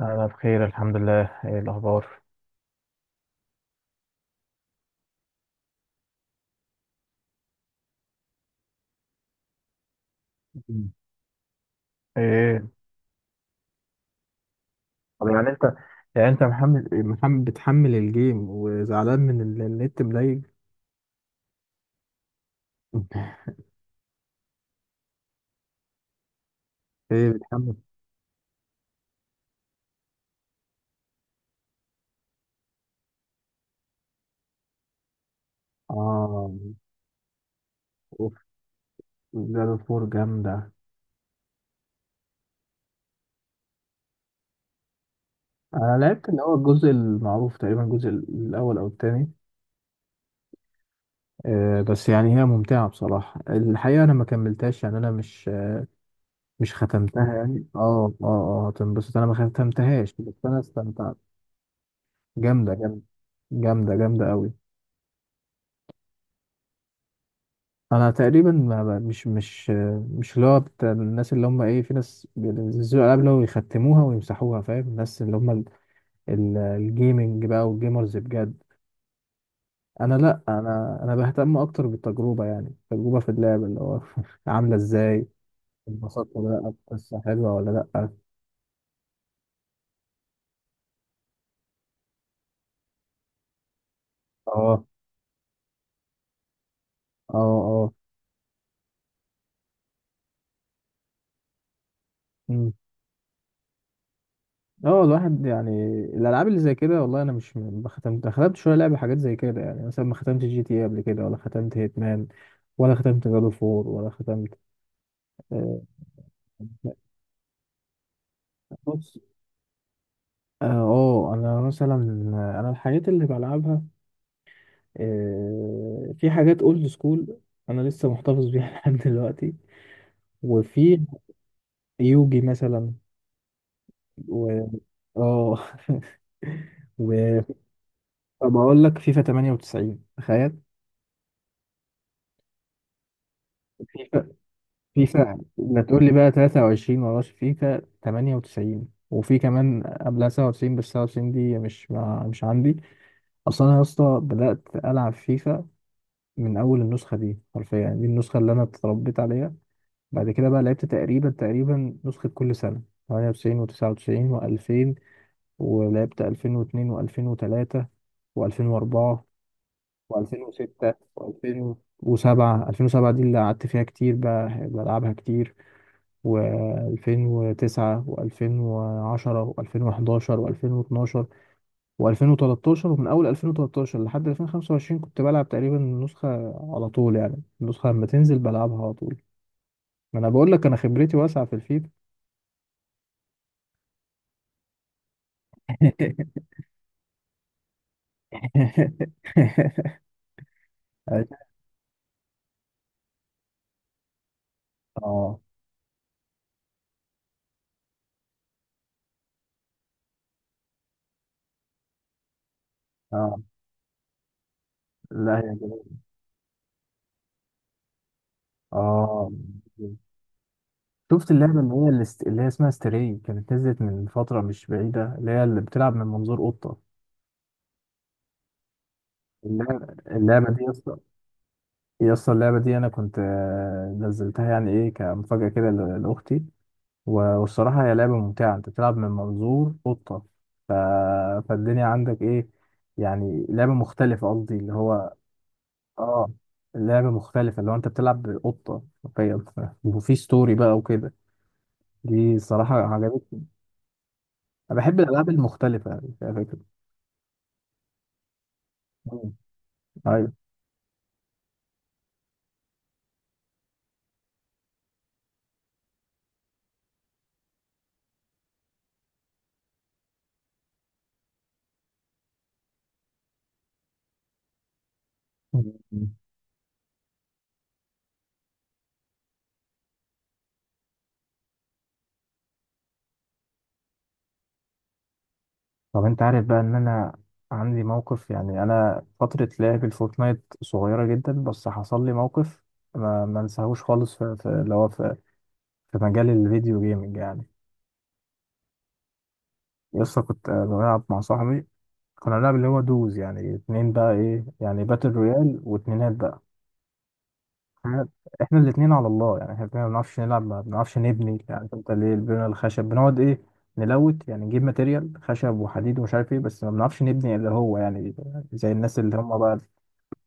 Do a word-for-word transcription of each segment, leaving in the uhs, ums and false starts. أنا بخير الحمد لله. إيه الأخبار؟ مم. إيه. طب يعني انت يعني انت محمل محمل بتحمل الجيم وزعلان من ال- النت، مضايق. ايه بتحمل؟ اه. اوف. زاد فور جامدة. انا لعبت اللي هو الجزء المعروف، تقريبا الجزء الاول او الثاني. آه بس يعني هي ممتعة بصراحة، الحقيقة انا ما كملتهاش يعني، انا مش مش ختمتها يعني. اه اه اه هتنبسط، انا ما ختمتهاش بس انا استمتعت. جامدة جامدة. جامدة جامدة قوي. انا تقريبا ما ما- مش مش مش اللي هو بتاع الناس، اللي هم ايه، في ناس بينزلوا العاب اللي هو يختموها ويمسحوها، فاهم؟ الناس اللي هم ال- ال- الجيمنج بقى والجيمرز بجد. انا لا، انا انا بهتم اكتر بالتجربه، يعني التجربه في اللعب اللي هو عامله ازاي. اتبسطت ولا لا؟ القصه حلوه ولا لا؟ اه اه اه اه الواحد يعني، الالعاب اللي زي كده والله انا مش م- ما ختمت، ختمت شويه لعبه حاجات زي كده، يعني مثلا ما ختمت جي تي إيه قبل كده، ولا ختمت هيتمان، ولا ختمت جادو فور، ولا ختمت. آه، بص. اه، آه، انا مثلا، آه، انا الحاجات اللي بلعبها، آه، في حاجات اولد سكول انا لسه محتفظ بيها لحد دلوقتي. وفي يوجي مثلا، و اه وبقول لك فيفا تمانية وتسعين تخيل. فيفا ده تقول لي بقى تلاتة وعشرين وراش؟ فيفا ثمانية وتسعين، وفي كمان قبلها سبعة وتسعين. بس سبعة وتسعين دي مش ما مش عندي اصلا. انا يا اسطى بدات العب فيفا من اول النسخه دي حرفيا، يعني دي النسخه اللي انا اتربيت عليها. بعد كده بقى لعبت تقريبا تقريبا نسخه كل سنه. تمانية وتسعين و99 و2000، ولعبت ألفين واثنين و2003 و2004 و2006 و2007. ألفين وسبعة دي اللي قعدت فيها كتير بقى بلعبها كتير، و2009 و2010 و2011 و2012 و2013. ومن اول ألفين وتلتاشر لحد ألفين وخمسة وعشرين كنت بلعب تقريبا النسخة على طول، يعني النسخة لما تنزل بلعبها على طول. ما انا بقول لك انا خبرتي واسعة في الفيفا. اه اه. لا هي جميلة. اه، شفت اللعبة اللي هي اللي, است... اللي هي اسمها ستري كانت نزلت من فترة مش بعيدة، اللي هي اللي بتلعب من منظور قطة؟ اللعبة, اللعبة دي يا اسطى، يا اسطى اللعبة دي أنا كنت آه، نزلتها يعني إيه، كمفاجأة كده ل- لأختي. و- والصراحة هي لعبة ممتعة، أنت بتلعب من منظور قطة. ف- فالدنيا عندك إيه، يعني لعبة مختلفة، قصدي اللي هو آه لعبة مختلفة، اللي هو أنت بتلعب بقطة حرفيا. ف- وفي ستوري بقى وكده. دي الصراحة عجبتني. أنا بحب الألعاب المختلفة، يعني فيها فكرة. مم. أيوه. مم. طب انت عارف بقى ان انا عندي موقف؟ يعني انا فترة لعب الفورتنايت صغيرة جدا، بس حصل لي موقف ما ما انساهوش خالص، في في- اللي هو في, في مجال الفيديو جيمنج يعني. لسه كنت آه، بلعب مع صاحبي، كنا بنلعب اللي هو دوز، يعني اتنين بقى ايه، يعني باتل رويال واتنينات بقى. احنا احنا الاتنين على الله يعني، احنا الاتنين ما بنعرفش نلعب، ما بنعرفش نبني. يعني انت ليه البنى الخشب بنقعد ايه، نلوت يعني، نجيب ماتيريال خشب وحديد ومش عارف ايه، بس ما بنعرفش نبني اللي هو يعني زي الناس اللي هم بقى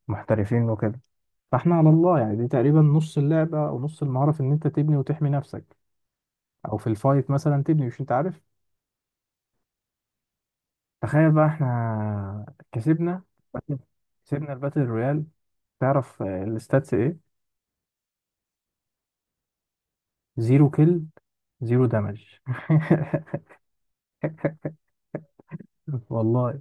محترفين وكده. فاحنا على الله يعني، دي تقريبا نص اللعبة او نص المهارة في ان انت تبني وتحمي نفسك، او في الفايت مثلا تبني، مش انت عارف؟ تخيل بقى احنا كسبنا. كسبنا الباتل رويال. تعرف آه، الستاتس ايه؟ زيرو كيل، زيرو دامج. والله.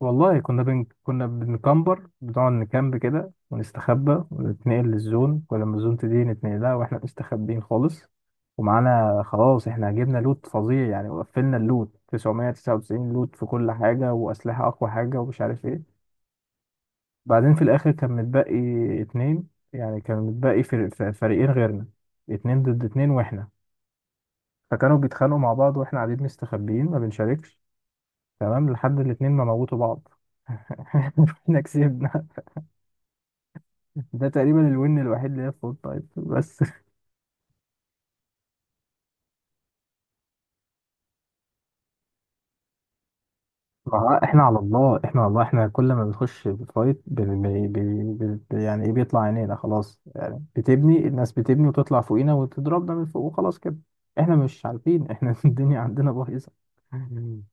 والله كنا بن... كنا بنكمبر، بنقعد نكامب كده ونستخبى ونتنقل للزون، ولما الزون تدي نتنقل لها واحنا مستخبيين خالص، ومعانا خلاص، احنا جبنا لوت فظيع يعني، وقفلنا اللوت تسعمائة وتسعة وتسعين لوت في كل حاجة، وأسلحة أقوى حاجة ومش عارف ايه. بعدين في الآخر كان متبقي اتنين، يعني كان متبقي فر- ف- فريقين غيرنا، اتنين ضد اتنين واحنا. فكانوا بيتخانقوا مع بعض واحنا قاعدين مستخبيين ما بنشاركش، تمام، لحد الاتنين ما موتوا بعض. احنا كسبنا. ده تقريبا الوين الوحيد اللي هي في فول تايم بس. آه، احنا على الله، احنا على الله، احنا كل ما بنخش فايت، بي بي بي بي يعني ايه، بيطلع عينينا. خلاص يعني بتبني، الناس بتبني وتطلع فوقينا وتضربنا من فوق، وخلاص كده احنا مش عارفين احنا الدنيا عندنا بايظه.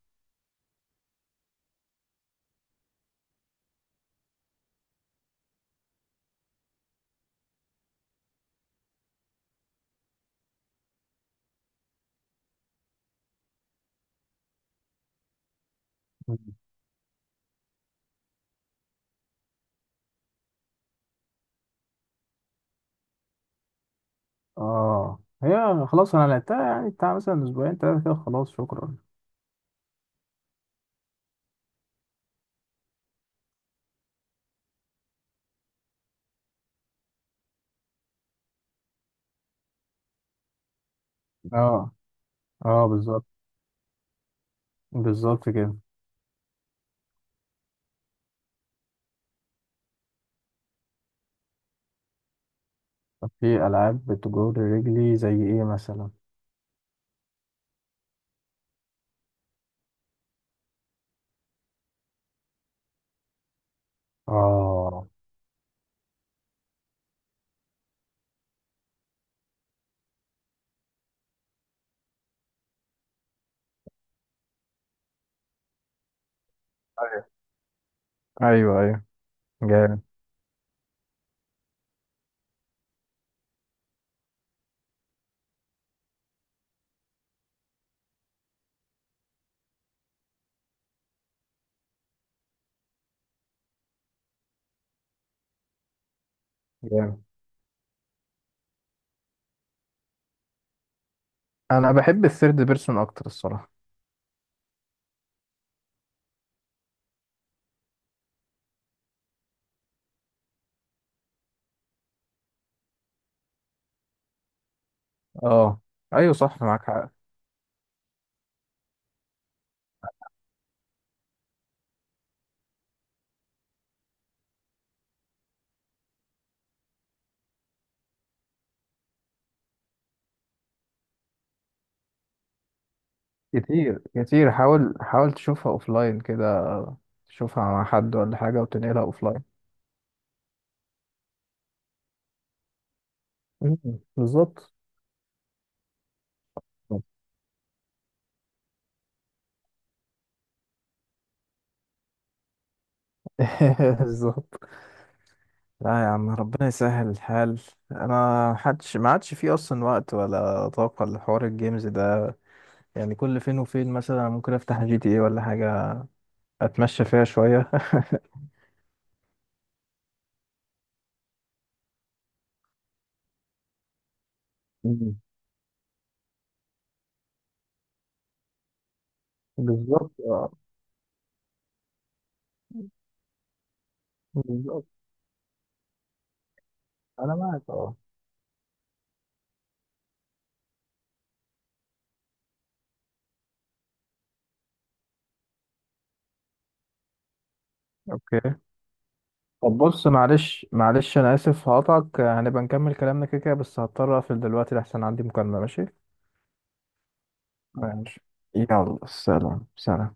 اه، هي خلاص انا لعبتها يعني بتاع مثلا اسبوعين ثلاثه كده، خلاص شكرا. اه اه بالظبط. بالظبط كده. طب في العاب بتجر رجلي زي ايه مثلا؟ اه. ايوه. ايوه. جامد. جامد. انا بحب الثيرد بيرسون اكتر الصراحه. اه ايوه صح معاك حق. كتير كتير، حاول حاول تشوفها اوفلاين كده، تشوفها مع حد ولا حاجه وتنقلها اوفلاين. مم، بالظبط. بالظبط. لا يا عم، ربنا يسهل الحال. انا محدش ما عادش فيه اصلا وقت ولا طاقه لحوار الجيمز ده، يعني كل فين وفين مثلا ممكن افتح جي تي اي ولا حاجه، اتمشى فيها شويه. مم. بالظبط اه بالظبط. انا معاك اه. اوكي. طب بص، معلش معلش انا اسف هقطعك، هنبقى نكمل كلامنا كده كده بس، هضطر اقفل دلوقتي لحسن عندي مكالمة. ماشي. ماشي يلا. سلام سلام.